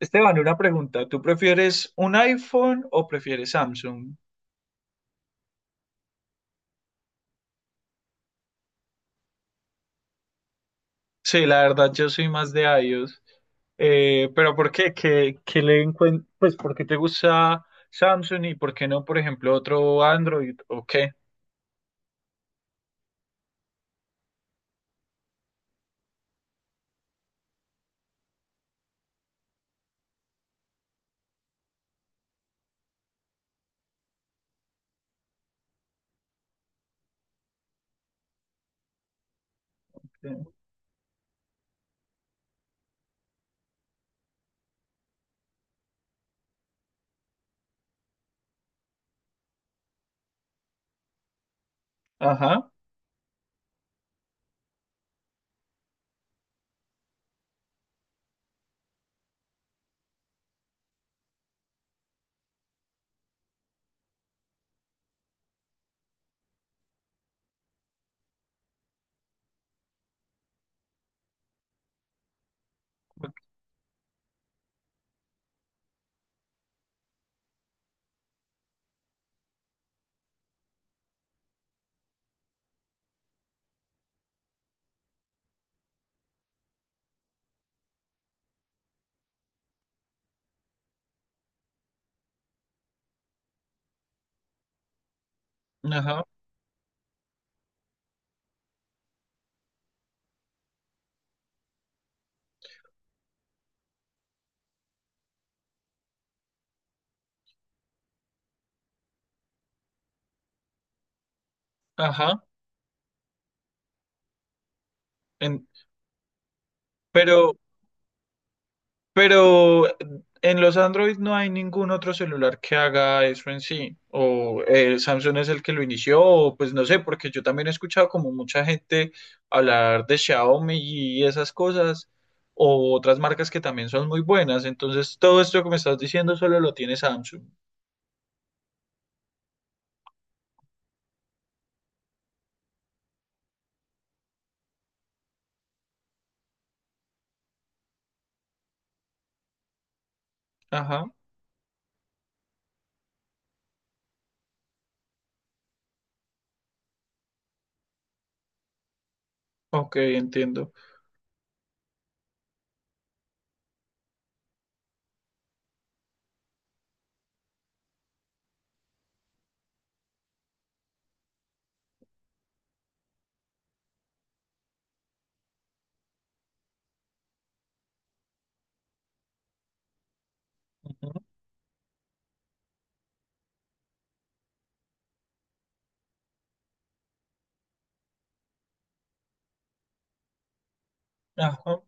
Esteban, una pregunta. ¿Tú prefieres un iPhone o prefieres Samsung? Sí, la verdad, yo soy más de iOS. Pero ¿por qué? Pues, ¿por qué te gusta Samsung y por qué no, por ejemplo, otro Android o qué? Eh, Ajá, ajá, ajá. En- pero, Pero en los Android no hay ningún otro celular que haga eso en sí. O ¿Samsung es el que lo inició, o pues no sé? Porque yo también he escuchado como mucha gente hablar de Xiaomi y esas cosas, o otras marcas que también son muy buenas. Entonces, todo esto que me estás diciendo solo lo tiene Samsung. Ajá, ok, entiendo. Ujú, ajá.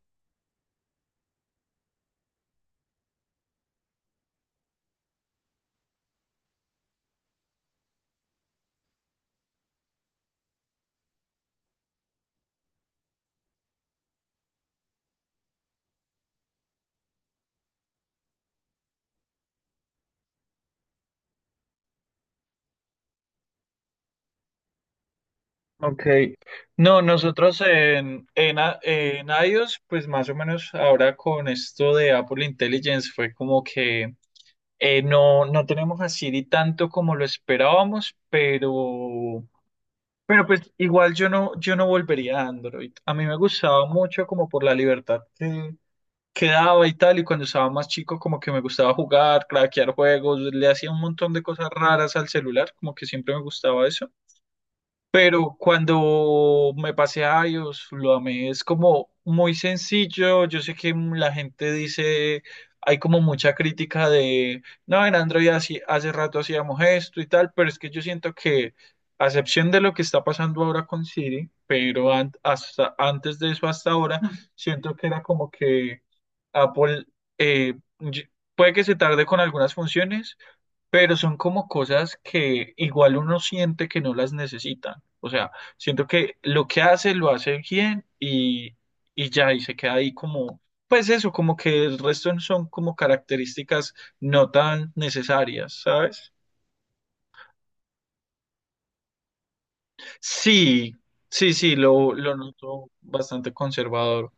Ok, no, nosotros en iOS, pues más o menos ahora con esto de Apple Intelligence fue como que no, no tenemos a Siri tanto como lo esperábamos, pero pues igual yo no, yo no volvería a Android. A mí me gustaba mucho como por la libertad que daba y tal, y cuando estaba más chico como que me gustaba jugar, craquear juegos, le hacía un montón de cosas raras al celular, como que siempre me gustaba eso. Pero cuando me pasé a iOS, lo amé. Es como muy sencillo. Yo sé que la gente dice, hay como mucha crítica de, no, en hace rato hacíamos esto y tal, pero es que yo siento que, a excepción de lo que está pasando ahora con Siri, pero hasta antes de eso, hasta ahora, siento que era como que Apple, eh, y- puede que se tarde con algunas funciones pero son como cosas que igual uno siente que no las necesitan. O sea, siento que lo que hace lo hace bien y ya, y se queda ahí como, pues eso, como que el resto son como características no tan necesarias, ¿sabes? Sí, sí, sí, lo noto bastante conservador.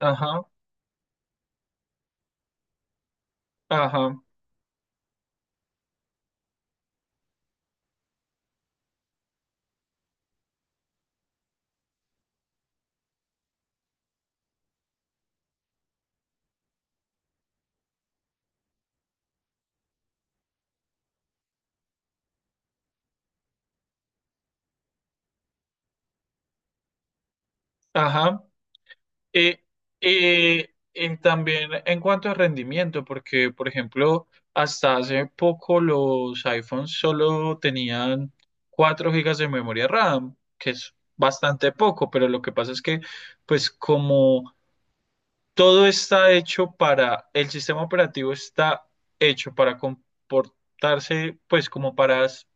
Ajá, ajá, ajá. Eh, y también en cuanto a rendimiento, porque, por ejemplo, hasta hace poco los iPhones solo tenían 4 gigas de memoria RAM, que es bastante poco, pero lo que pasa es que, pues como todo está hecho para, el sistema operativo está hecho para comportarse, pues como para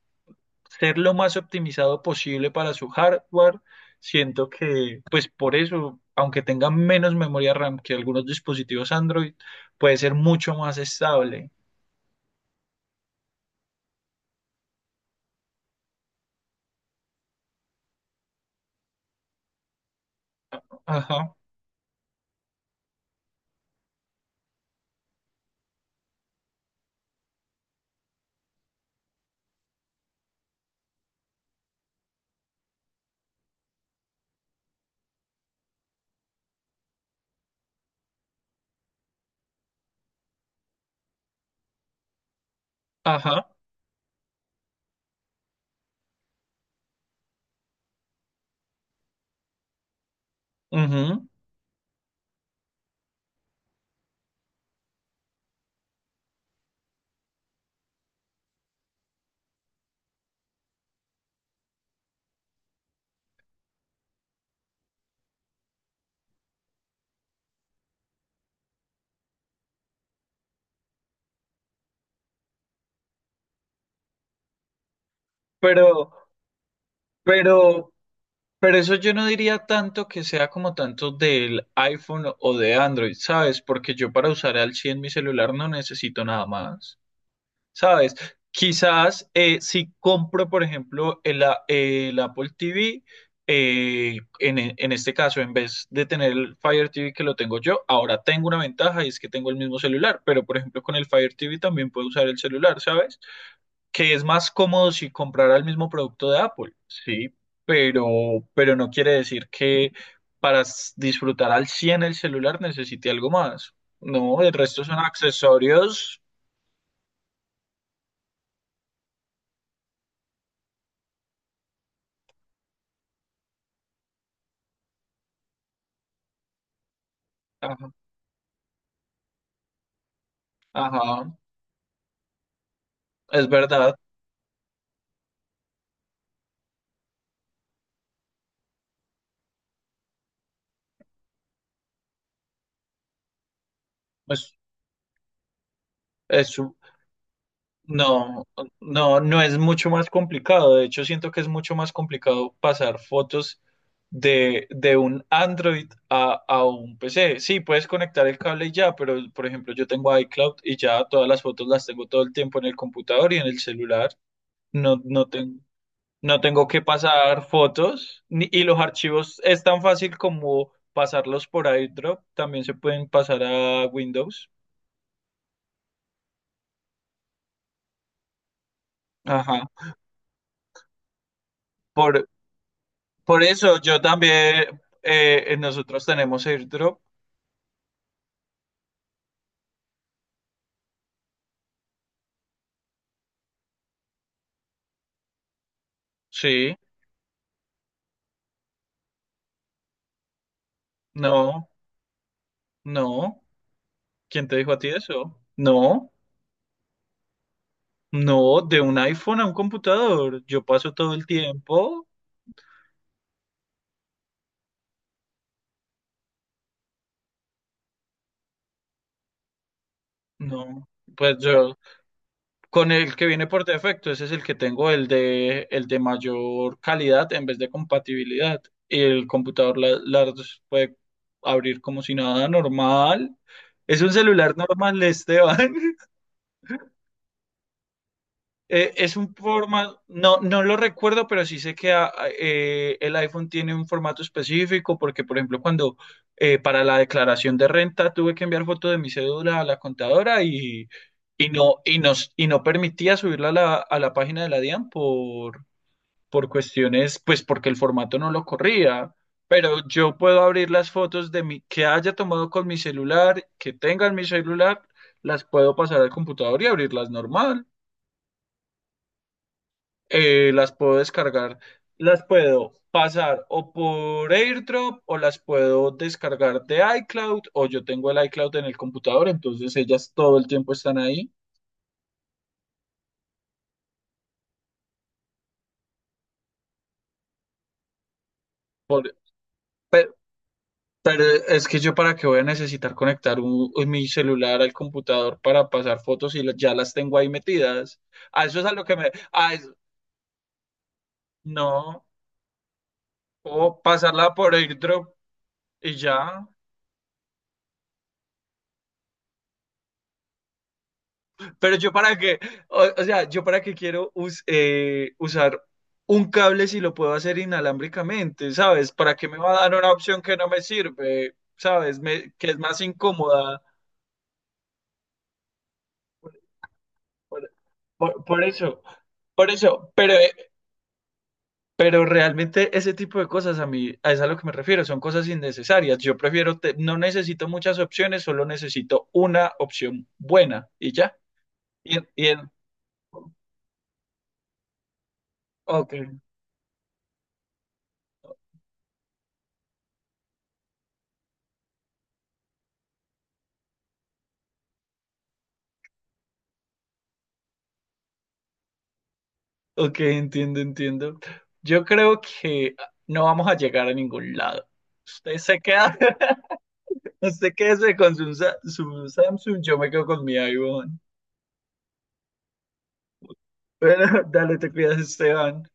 ser lo más optimizado posible para su hardware. Siento que, pues por eso, aunque tenga menos memoria RAM que algunos dispositivos Android, puede ser mucho más estable. Ajá, ajá, ujú. Pero, pero, pero eso yo no diría tanto que sea como tanto del iPhone o de Android, ¿sabes? Porque yo para usar al 100 mi celular no necesito nada más. ¿Sabes? Quizás si compro, por ejemplo, el Apple TV, en este caso, en vez de tener el Fire TV que lo tengo yo, ahora tengo una ventaja y es que tengo el mismo celular, pero por ejemplo con el Fire TV también puedo usar el celular, ¿sabes? Que es más cómodo si comprara el mismo producto de Apple, sí, pero, pero no quiere decir que para disfrutar al 100 el celular necesite algo más. No, el resto son accesorios. Ajá. Ajá. Es verdad, pues es, un- no, no, no es mucho más complicado. De hecho, siento que es mucho más complicado pasar fotos de un Android a un PC. Sí, puedes conectar el cable y ya, pero por ejemplo, yo tengo iCloud y ya todas las fotos las tengo todo el tiempo en el computador y en el celular. No, no tengo, no tengo que pasar fotos y los archivos es tan fácil como pasarlos por iDrop. También se pueden pasar a Windows. Ajá. por Por eso yo también, nosotros tenemos airdrop. Sí, no, no. ¿Quién te dijo a ti eso? No, no, de un iPhone a un computador. Yo paso todo el tiempo. No, pues yo, con el que viene por defecto, ese es el que tengo, el de mayor calidad en vez de compatibilidad. Y el computador las puede abrir como si nada normal. Es un celular normal, Esteban. Es un formato, no, no lo recuerdo, pero sí sé que el iPhone tiene un formato específico porque, por ejemplo, cuando para la declaración de renta tuve que enviar foto de mi cédula a la contadora y, y no permitía subirla a la página de la DIAN por cuestiones, pues porque el formato no lo corría. Pero yo puedo abrir las fotos de mi, que haya tomado con mi celular, que tenga en mi celular, las puedo pasar al computador y abrirlas normal. Las puedo descargar, las puedo pasar o por AirDrop o las puedo descargar de iCloud, o yo tengo el iCloud en el computador, entonces ellas todo el tiempo están ahí. Por- pe- pero es que yo para qué voy a necesitar conectar mi celular al computador para pasar fotos y ya las tengo ahí metidas. A eso es a lo que me... No, puedo pasarla por AirDrop y ya. Pero yo para qué, o sea, yo para qué quiero usar un cable si lo puedo hacer inalámbricamente, ¿sabes? ¿Para qué me va a dar una opción que no me sirve, ¿sabes? Que es más incómoda. Por, por eso, por eso, pero realmente ese tipo de cosas a mí, a eso es a lo que me refiero, son cosas innecesarias. Yo prefiero, no necesito muchas opciones, solo necesito una opción buena y ya. Y, y el, ok. Ok, entiendo, entiendo. Yo creo que no vamos a llegar a ningún lado. Usted se queda, usted quédese con su, su Samsung, yo me quedo con mi iPhone. Bueno, dale, te cuidas, Esteban.